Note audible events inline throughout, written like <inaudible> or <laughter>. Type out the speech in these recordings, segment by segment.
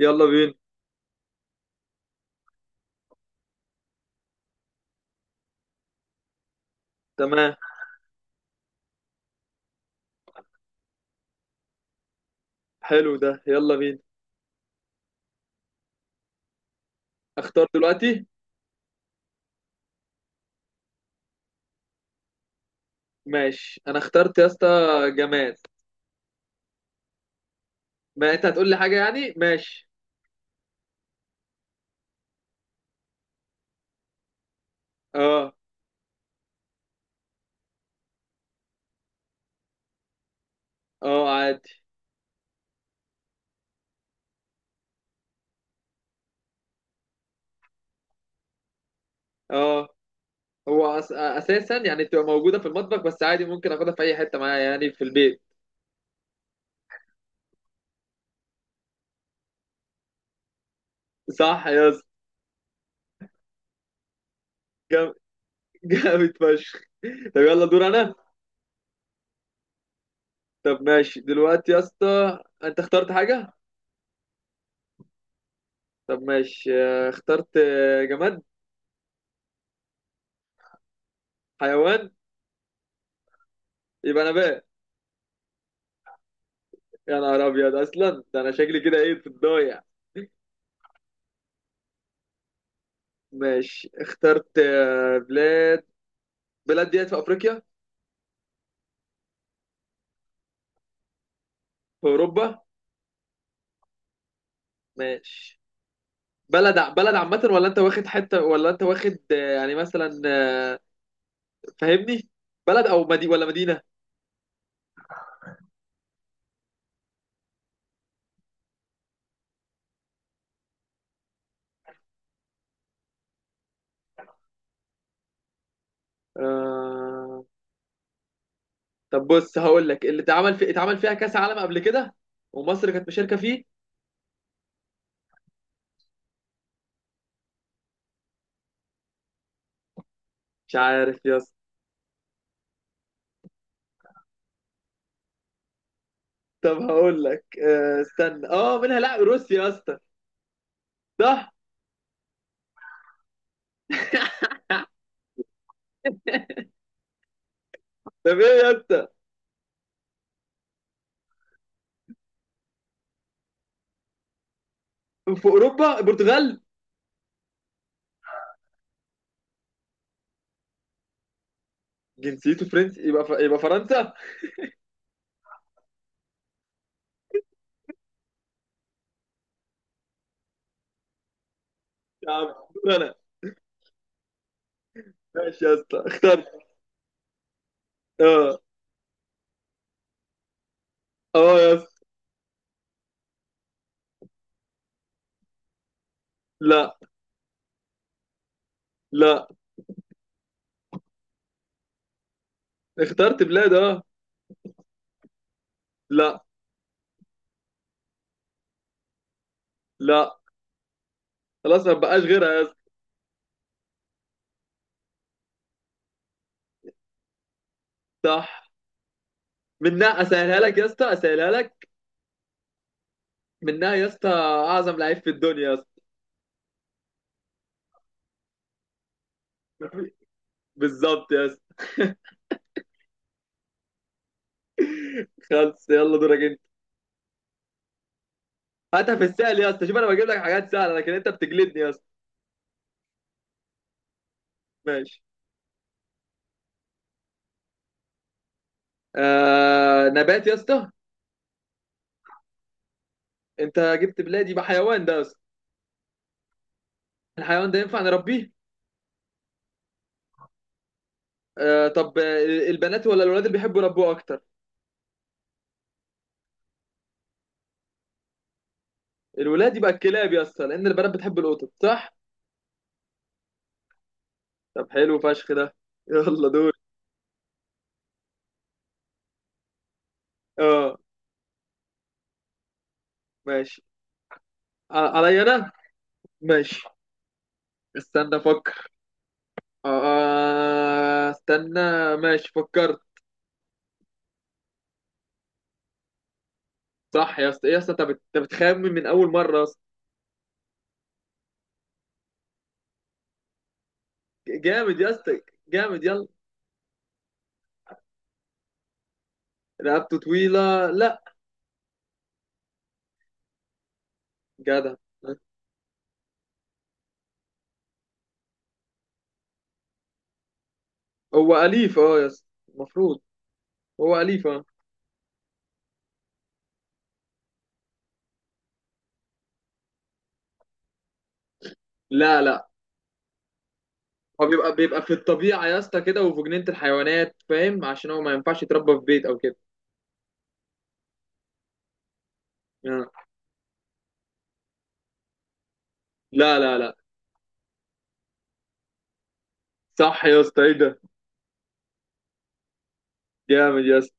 يلا بينا. تمام. حلو ده، يلا بينا. اختار دلوقتي. ماشي، انا اخترت يا اسطى. جماد. ما انت هتقول لي حاجه يعني. ماشي. اه. اه، عادي. اه. هو اساسا يعني بتبقى موجوده في المطبخ، بس عادي ممكن اخدها في اي حته معايا يعني في البيت. صح يا اسطى. جام- <laughs> جامد فشخ. طب يلا، دور انا. طب ماشي دلوقتي يا اسطى، انت اخترت حاجه. طب ماشي، اخترت، جماد. حيوان. يبقى نبات. يا نهار ابيض، اصلا ده انا شكلي كده ايه في الضايع. ماشي، اخترت، بلاد. بلاد ديت في افريقيا؟ في اوروبا؟ ماشي. بلد عامة ولا انت واخد حتة، ولا انت واخد، يعني مثلا، فاهمني؟ بلد او مدي ولا مدينة؟ آه... طب بص، هقول لك اللي اتعمل في اتعمل فيها كاس عالم قبل كده، ومصر كانت مشاركة فيه. مش عارف يا اسطى. طب هقول لك استنى. اه. منها لا، روسيا يا اسطى؟ صح. طب ايه يا اسطى؟ في اوروبا، البرتغال. جنسيته فرنسي، يبقى فرنسا. يا عم، دور انا. ماشي يا اسطى اخترت. اه. اه يا اسطى. لا لا. اخترت بلاد، اه. لا لا. خلاص، ما بقاش غيرها يا اسطى. صح. منها اسهلها لك يا اسطى، اسهلها لك. منها يا اسطى اعظم لعيب في الدنيا يا اسطى. <laughs> بالظبط يا اسطى. خلص. يلا دورك انت. هاتها في السهل يا اسطى، شوف انا بجيب لك حاجات سهله، لكن انت بتجلدني يا اسطى. ماشي. نبات يا اسطى. انت جبت بلادي بحيوان ده يا اسطى. الحيوان ده ينفع نربيه. آه. طب، البنات ولا الولاد اللي بيحبوا يربوه اكتر؟ الولاد، يبقى الكلاب يا اسطى، لان البنات بتحب القطط، صح. طب حلو فشخ ده. <laughs> يلا دور. اه. ماشي. عليا انا. ماشي، استنى افكر. استنى. ماشي فكرت. صح يا اسطى. إيه يا اسطى، انت أنت بتخمن من اول مره يا اسطى. جامد يا اسطى، جامد، يلا. رقبته طويله؟ لا. جدع. هو اليف، اه يا اسطى، المفروض هو اليف، اه. لا لا. هو بيبقى في الطبيعة يا اسطى كده، وفي جنينة الحيوانات، فاهم؟ عشان هو ما ينفعش يتربى في بيت أو كده. آه. لا لا لا. صح يا اسطى، إيه ده. جامد يا اسطى.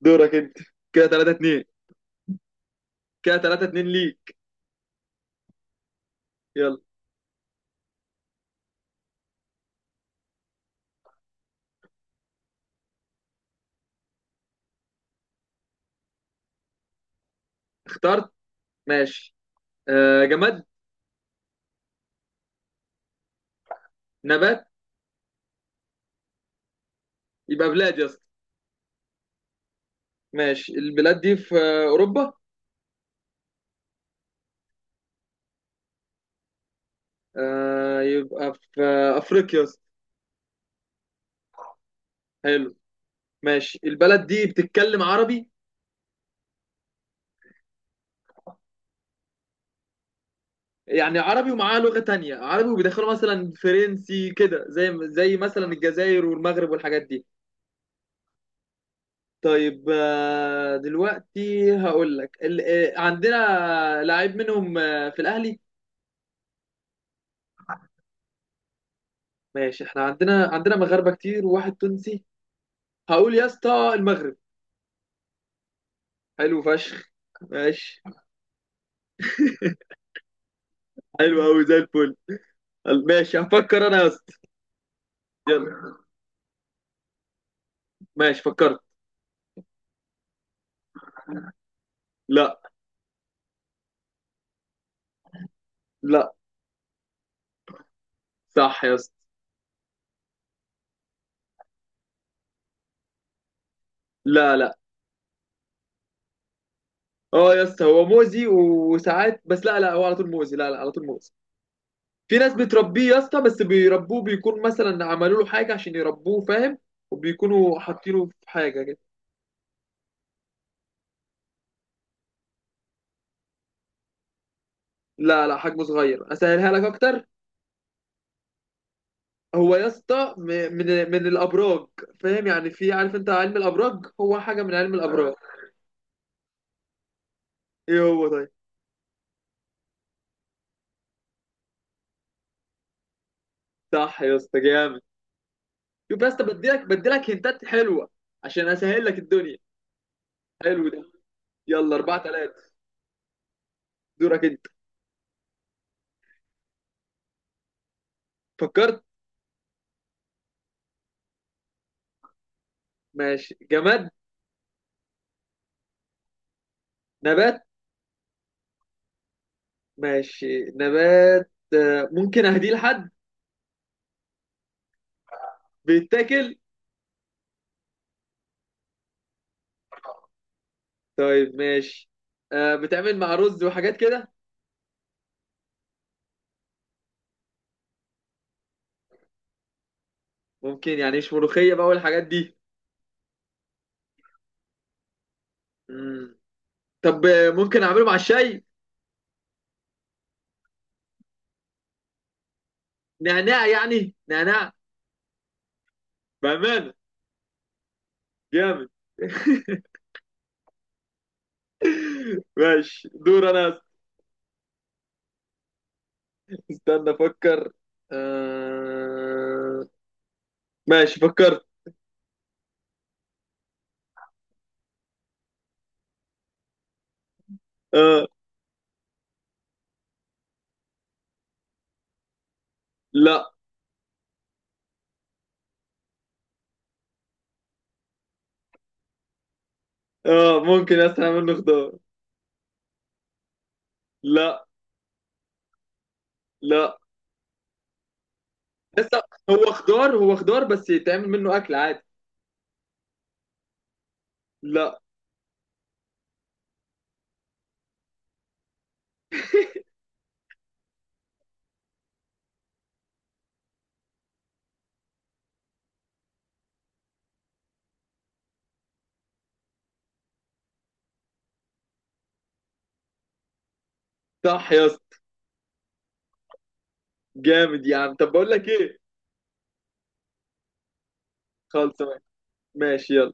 دورك أنت. كده 3-2. كده 3-2 ليك. يلا. اخترت. ماشي. آه، جماد. نبات. يبقى بلاد يا اسطى. ماشي، البلاد دي في أوروبا؟ آه، يبقى في أفريقيا يا اسطى. حلو. ماشي، البلد دي بتتكلم عربي. يعني عربي ومعاه لغة تانية، عربي وبيدخلوا مثلا فرنسي كده، زي مثلا الجزائر والمغرب والحاجات دي. طيب، دلوقتي هقول لك عندنا لعيب منهم، في الأهلي. ماشي، احنا عندنا مغاربة كتير وواحد تونسي. هقول يا اسطى المغرب. حلو فشخ. ماشي. حلو قوي زي الفل. ماشي، هفكر انا يا اسطى. يلا. ماشي فكرت. لا. لا. صح يا اسطى. لا لا. اه يا اسطى، هو مؤذي وساعات، بس لا لا، هو على طول مؤذي، لا لا، على طول مؤذي. في ناس بتربيه يا اسطى، بس بيربوه، بيكون مثلا عملوا له حاجه عشان يربوه، فاهم؟ وبيكونوا حاطينه في حاجه كده. لا لا، حجمه صغير، اسهلها لك اكتر. هو يا اسطى من الابراج. فاهم يعني؟ في، عارف انت علم الابراج، هو حاجه من علم الابراج. ايه هو؟ طيب. صح يا اسطى، جامد. شوف يا اسطى، بديلك بديلك هنتات حلوه عشان اسهل لك الدنيا. حلو ده. يلا 4-3. دورك انت. فكرت. ماشي، جماد. نبات. ماشي، نبات، ممكن اهديه لحد؟ بيتاكل؟ طيب ماشي. بتعمل مع رز وحاجات كده؟ ممكن يعني، مش ملوخية بقى والحاجات دي. مم. طب ممكن اعمله مع الشاي؟ نعناع يعني، نعناع. بأمانة. جامد. <laughs> ماشي دور انا. استنى افكر. آه... ماشي فكرت. آه، لا. ممكن. استنى، منه خضار. لا لا. لسه. هو خضار، هو خضار، بس يتعمل منه اكل عادي. لا. صح يا اسطى. جامد يا عم، طب بقول لك ايه. خلص. ماشي يلا.